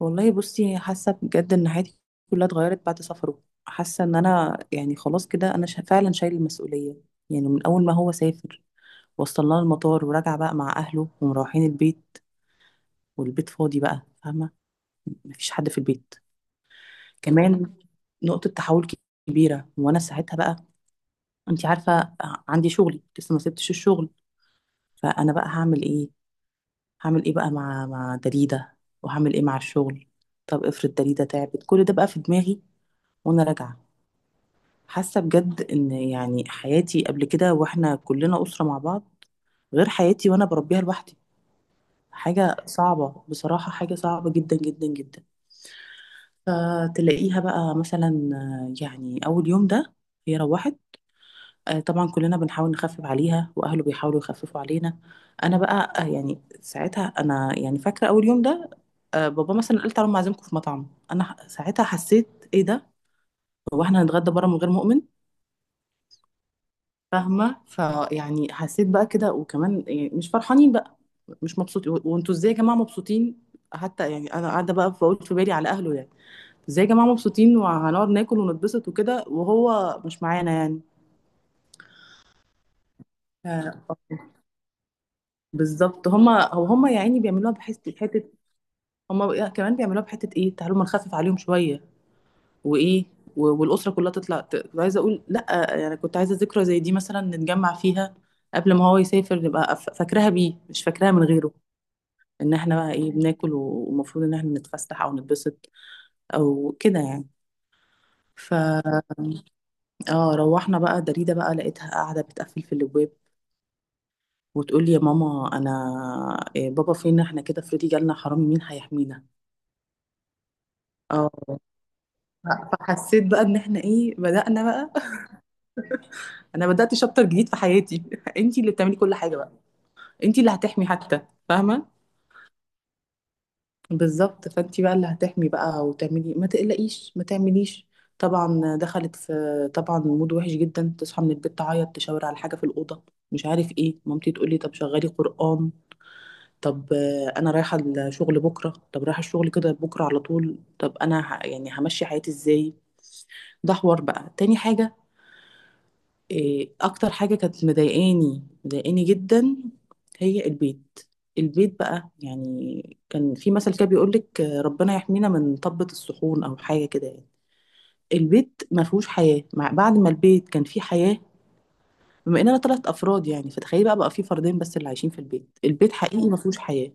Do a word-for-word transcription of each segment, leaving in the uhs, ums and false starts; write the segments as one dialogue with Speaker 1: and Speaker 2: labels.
Speaker 1: والله بصي، حاسه بجد ان حياتي كلها اتغيرت بعد سفره. حاسه ان انا يعني خلاص كده انا شا- فعلا شايل المسؤوليه. يعني من اول ما هو سافر، وصلنا المطار ورجع بقى مع اهله ومروحين البيت، والبيت فاضي بقى، فاهمه؟ مفيش حد في البيت كمان. نقطه تحول كبيره، وانا ساعتها بقى، انت عارفه، عندي شغلي لسه ما سبتش الشغل. فانا بقى هعمل ايه؟ هعمل ايه بقى مع مع دليده، وهعمل ايه مع الشغل؟ طب افرض دليده تعبت؟ كل ده بقى في دماغي وانا راجعه. حاسه بجد ان يعني حياتي قبل كده، واحنا كلنا اسره مع بعض، غير حياتي وانا بربيها لوحدي. حاجه صعبه بصراحه، حاجه صعبه جدا جدا جدا. فتلاقيها بقى مثلا، آه، يعني اول يوم ده هي روحت. آه، طبعا كلنا بنحاول نخفف عليها، واهله بيحاولوا يخففوا علينا. انا بقى آه، يعني ساعتها انا يعني فاكره اول يوم ده. آه، بابا مثلا قال تعالوا، أنا عازمكم في مطعم. انا ح- ساعتها حسيت ايه ده، هو احنا هنتغدى بره من غير مؤمن؟ فاهمه؟ فيعني حسيت بقى كده، وكمان يعني مش فرحانين بقى، مش مبسوطين. و- وانتوا ازاي يا جماعه مبسوطين؟ حتى يعني انا قاعده بقى بقول في بالي على اهله، يعني ازاي يا جماعه مبسوطين وهنقعد ناكل ونتبسط وكده وهو مش معانا يعني؟ ف- بالظبط هما، هو هما يا عيني بيعملوها بحس حته. هما بقى- كمان بيعملوها بحته ايه، تعالوا ما نخفف عليهم شويه. وايه، و- والاسره كلها تطلع. ت- كنت عايزه اقول لا يعني، كنت عايزه ذكرى زي دي مثلا نتجمع فيها قبل ما هو يسافر، نبقى ف- فاكراها بيه، مش فاكراها من غيره. ان احنا بقى ايه، بناكل، ومفروض ان احنا نتفسح او نتبسط او كده يعني. ف اه روحنا بقى، دريدة بقى لقيتها قاعدة بتقفل في الابواب وتقول لي يا ماما، انا إيه، بابا فين، احنا كده افرضي جالنا حرامي مين هيحمينا؟ اه. ف- فحسيت بقى ان احنا ايه، بدأنا بقى. انا بدأت شابتر جديد في حياتي. انتي اللي بتعملي كل حاجة بقى، انتي اللي هتحمي حتى، فاهمة؟ بالظبط. فانت بقى اللي هتحمي بقى وتعملي، ما تقلقيش، ما تعمليش. طبعا دخلت في طبعا مود وحش جدا، تصحى من البيت تعيط، تشاور على حاجه في الاوضه مش عارف ايه. مامتي تقول لي طب شغلي قران. طب آه، انا رايحه الشغل بكره، طب رايحه الشغل كده بكره على طول؟ طب انا ه... يعني همشي حياتي ازاي؟ ده حوار بقى. تاني حاجه، إيه اكتر حاجه كانت مضايقاني، مضايقاني جدا، هي البيت. البيت بقى يعني، كان في مثل كده بيقولك آه، ربنا يحمينا من طبة الصحون او حاجه كده يعني. البيت ما فيهوش حياه، مع بعد ما البيت كان فيه حياه، بما اننا ثلاث افراد يعني. فتخيلي بقى، بقى في فردين بس اللي عايشين في البيت، البيت حقيقي ما فيهوش حياه.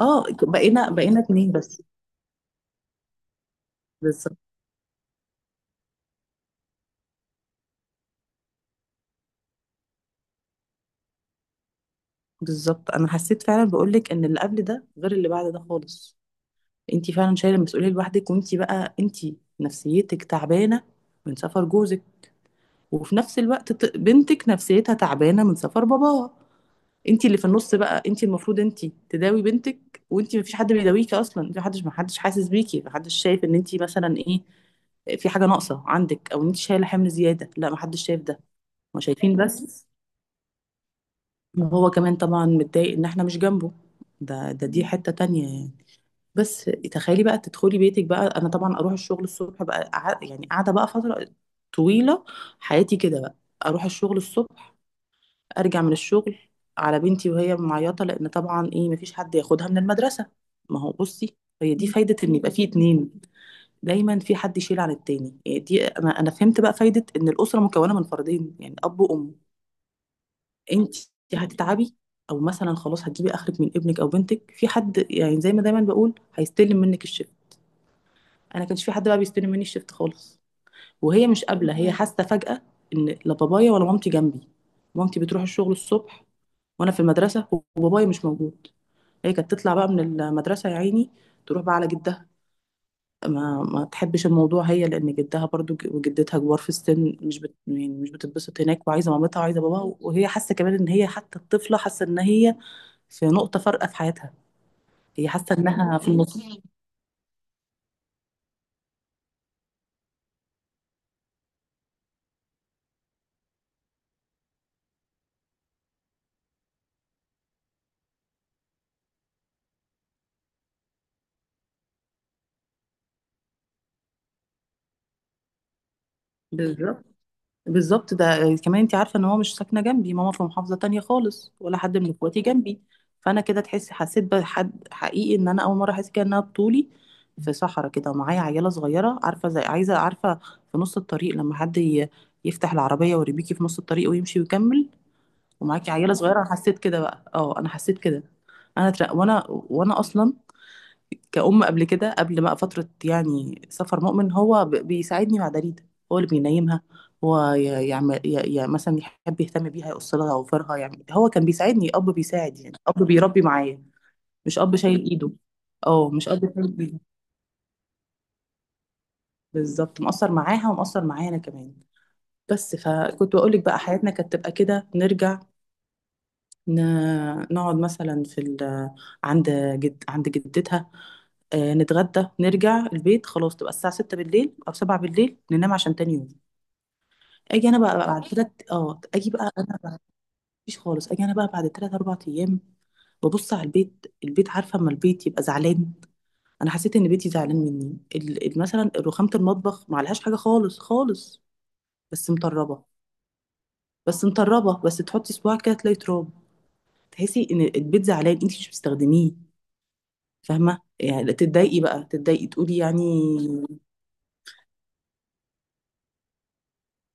Speaker 1: اه، بقينا بقينا اتنين بس. بالظبط. بالظبط، انا حسيت فعلا بقولك ان اللي قبل ده غير اللي بعد ده خالص. انت فعلا شايله المسؤوليه لوحدك، وانت بقى انت نفسيتك تعبانه من سفر جوزك، وفي نفس الوقت، ط- بنتك نفسيتها تعبانه من سفر باباها. انت اللي في النص بقى، انت المفروض انت تداوي بنتك، وانت مفيش حد بيداويكي اصلا. انت محدش محدش حاسس بيكي، محدش شايف ان انت مثلا ايه، في حاجه ناقصه عندك او انت شايله حمل زياده، لا، محدش شايف ده. ما شايفين بس. وهو كمان طبعا متضايق ان احنا مش جنبه. ده ده دي حته تانية يعني. بس تخيلي بقى تدخلي بيتك بقى، انا طبعا اروح الشغل الصبح بقى، قع- يعني قاعده بقى فتره طويله حياتي كده بقى. اروح الشغل الصبح، ارجع من الشغل على بنتي وهي معيطه، لان طبعا ايه، مفيش حد ياخدها من المدرسه. ما هو بصي، هي دي فايده ان يبقى في اتنين، دايما في حد يشيل عن التاني يعني. دي انا انا فهمت بقى فايده ان الاسره مكونه من فردين يعني، اب وام. انت هتتعبي، او مثلا خلاص هتجيبي اخرك من ابنك او بنتك، في حد يعني زي ما دايما بقول هيستلم منك الشغل. انا كانش في حد بقى بيستلم مني الشفت خالص. وهي مش قابله، هي حاسه فجاه ان لا بابايا ولا مامتي جنبي. مامتي بتروح الشغل الصبح وانا في المدرسه، وبابايا مش موجود. هي كانت تطلع بقى من المدرسه يا عيني، تروح بقى على جدها. ما ما تحبش الموضوع هي، لان جدها برضو، ج- وجدتها كبار في السن. مش بت... يعني مش بتتبسط هناك، وعايزه مامتها وعايزه باباها. وهي حاسه كمان ان هي، حتى الطفله حاسه ان هي في نقطه فارقه في حياتها. هي حاسه انها في النص. بالظبط. بالظبط، ده كمان انت عارفه ان هو مش ساكنه جنبي، ماما في محافظه تانية خالص، ولا حد من اخواتي جنبي. فانا كده تحس، حسيت بحد حقيقي ان انا اول مره احس كده انها بطولي، في صحراء كده ومعايا عياله صغيره. عارفه زي عايزه، عارفه في نص الطريق لما حد ي- يفتح العربيه ويربيكي في نص الطريق ويمشي ويكمل ومعاكي عياله صغيره. انا حسيت كده بقى، اه، انا حسيت كده. انا تر... وانا، وانا اصلا كأم قبل كده، قبل بقى فترة يعني سفر مؤمن، هو ب- بيساعدني مع دليدا. هو اللي بينيمها، هو ي- يعمل، ي- ي- مثلا يحب يهتم بيها، يقص لها أوفرها. يعني هو كان بيساعدني، أب بيساعد يعني، أب بيربي معايا، مش أب شايل إيده. اه، مش أب شايل إيده، بالظبط. مقصر معاها ومقصر معايا أنا كمان. بس فكنت بقول لك بقى، حياتنا كانت تبقى كده، نرجع ن- نقعد مثلا في ال... عند جد... عند جدتها، آه، نتغدى، نرجع البيت خلاص، تبقى الساعة ستة بالليل أو سبعة بالليل، ننام عشان تاني يوم. أجي أنا بقى بعد تلات، اه، أجي بقى أنا، مفيش خالص. أجي أنا بقى بعد تلات أربع أيام، ببص على البيت. البيت عارفة أما البيت يبقى زعلان؟ أنا حسيت إن بيتي زعلان مني. ال... ال- مثلا رخامة المطبخ ما عليهاش حاجة خالص خالص، بس مطربة. بس مطربة، بس تحطي صباعك كده تلاقي تراب. تحسي إن البيت زعلان، أنت مش بتستخدميه، فاهمه؟ يعني تتضايقي بقى، تتضايقي تقولي يعني.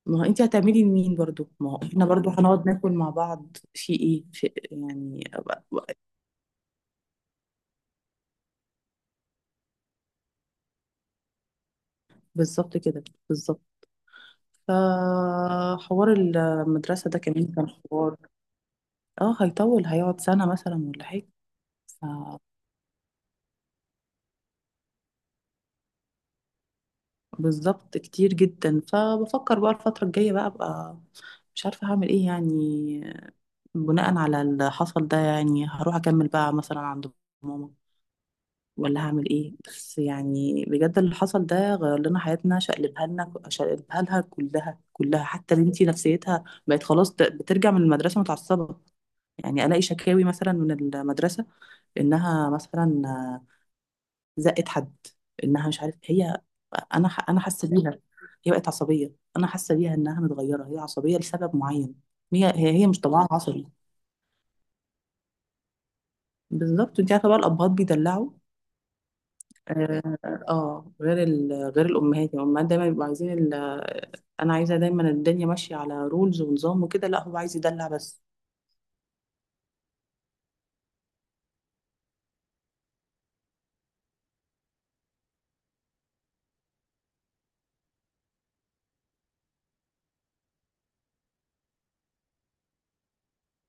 Speaker 1: ما هو انت هتعملي لمين برضو؟ ما هو احنا برضو هنقعد ناكل مع بعض في ايه، في يعني، أبقى- بالظبط كده، بالظبط. فحوار المدرسة ده كمان كان حوار. اه، هيطول، هيقعد سنة مثلا ولا حاجة. ف- بالظبط، كتير جدا. فبفكر بقى الفترة الجاية بقى ابقى، مش عارفة هعمل ايه يعني، بناء على اللي حصل ده. يعني هروح اكمل بقى مثلا عند ماما، ولا هعمل ايه؟ بس يعني بجد اللي حصل ده غير لنا حياتنا، شقلبها لنا، شقلبها لها كلها كلها، حتى بنتي نفسيتها بقت خلاص. ت- بترجع من المدرسة متعصبة، يعني الاقي شكاوي مثلا من المدرسة انها مثلا آه، زقت حد، انها مش عارف هي. انا ح- انا حاسة بيها، هي بقت عصبية. انا حاسة بيها انها متغيرة، هي عصبية لسبب معين. هي هي هي مش طبعها عصبي. بالظبط، انت عارفة بقى الابهات بيدلعوا. اه، آه، غير ال... غير الامهات يعني. الامهات دايما بيبقوا عايزين ال... انا عايزه دايما الدنيا ماشيه على رولز ونظام وكده، لا هو عايز يدلع بس.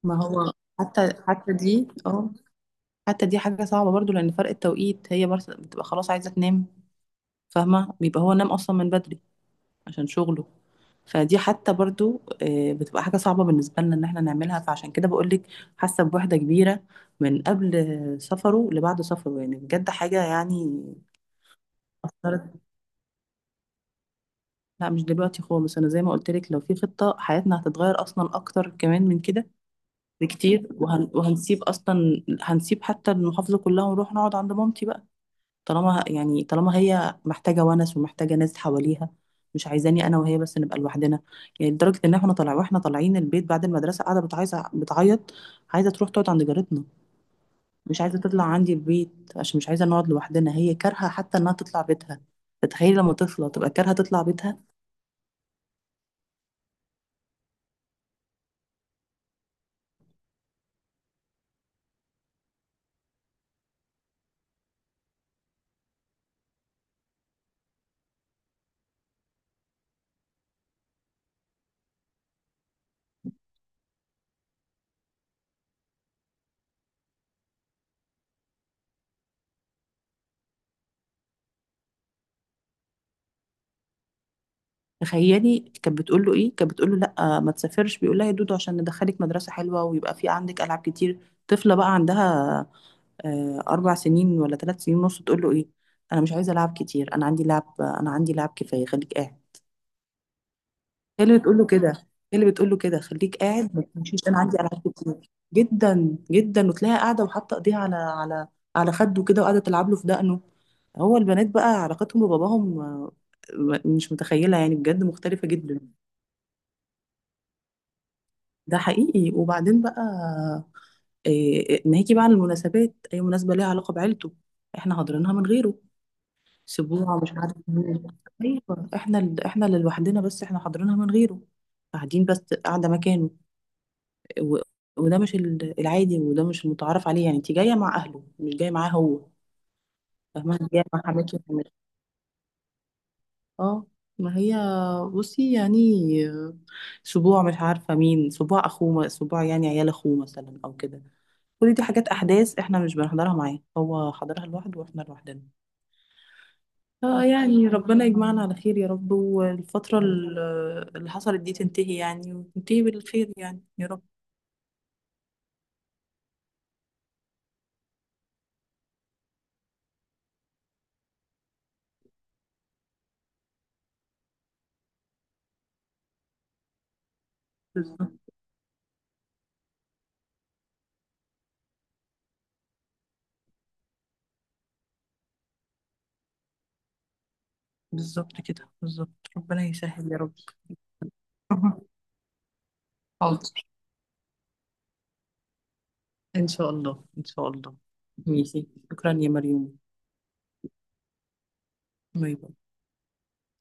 Speaker 1: ما هو، حتى حتى دي اه حتى دي حاجه صعبه برضو، لان فرق التوقيت، هي برضه بتبقى خلاص عايزه تنام، فاهمه؟ بيبقى هو نام اصلا من بدري عشان شغله. فدي حتى برضو آه، بتبقى حاجه صعبه بالنسبه لنا ان احنا نعملها. فعشان كده بقول لك، حاسه بوحده كبيره من قبل سفره لبعد سفره. يعني بجد حاجه يعني، اثرت. لا، مش دلوقتي خالص. انا زي ما قلت لك، لو في خطة، حياتنا هتتغير اصلا اكتر كمان من كده بكتير. وهن... وهنسيب اصلا، هنسيب حتى المحافظة كلها ونروح نقعد عند مامتي بقى. طالما ه- يعني طالما هي محتاجة ونس، ومحتاجة ناس حواليها، مش عايزاني انا وهي بس نبقى لوحدنا. يعني لدرجة ان احنا طالع، واحنا طالعين البيت بعد المدرسة، قاعدة بتعايزة بتعيط، عايزة تروح تقعد عند جارتنا، مش عايزة تطلع عندي البيت، عشان مش عايزة نقعد لوحدنا. هي كارهة حتى انها تطلع بيتها. تتخيل لما طفلة تبقى كارهة تطلع بيتها؟ تخيلي كانت بتقول له ايه، كانت بتقول له لا ما تسافرش. بيقول لها يا دودو، عشان ندخلك مدرسه حلوه ويبقى في عندك العاب كتير. طفله بقى عندها آه، اربع سنين ولا ثلاث سنين ونص، تقول له ايه؟ انا مش عايزه العاب كتير، انا عندي لعب، انا عندي لعب كفايه، خليك قاعد. هي اللي بتقول له كده، هي اللي بتقول له كده، خليك قاعد ما تمشيش، انا عندي العاب كتير جدا جدا. وتلاقيها قاعده وحاطه ايديها على، على على خده كده وقاعده تلعب له في دقنه. هو البنات بقى علاقتهم بباباهم آه، مش متخيله يعني، بجد مختلفه جدا. ده حقيقي. وبعدين بقى، إيه، ناجي بقى على المناسبات، اي مناسبه ليها علاقه بعيلته، احنا حاضرينها من غيره. سبوع مش عارف مين، ايوه احنا ال... احنا اللي لوحدنا بس، احنا حاضرينها من غيره، قاعدين بس قاعده مكانه. و... وده مش ال- العادي، وده مش المتعارف عليه. يعني انت جايه مع اهله، مش جايه معاه هو، فاهمه؟ انت جايه مع حماكي وحماتي. اه. ما هي بصي يعني، آه، سبوع مش عارفه مين، سبوع اخوه، سبوع يعني عيال اخوه مثلا او كده. كل دي حاجات، احداث احنا مش بنحضرها معاه، هو حضرها لوحده واحنا لوحدنا. اه. آه. يعني ربنا يجمعنا على خير يا رب، والفترة ال- اللي حصلت دي تنتهي، يعني وتنتهي بالخير يعني يا رب. بالظبط. بالظبط كده، بالظبط، ربنا يسهل يا رب. حاضر، ان شاء الله ان شاء الله. ماشي، شكرا يا مريم. باي باي.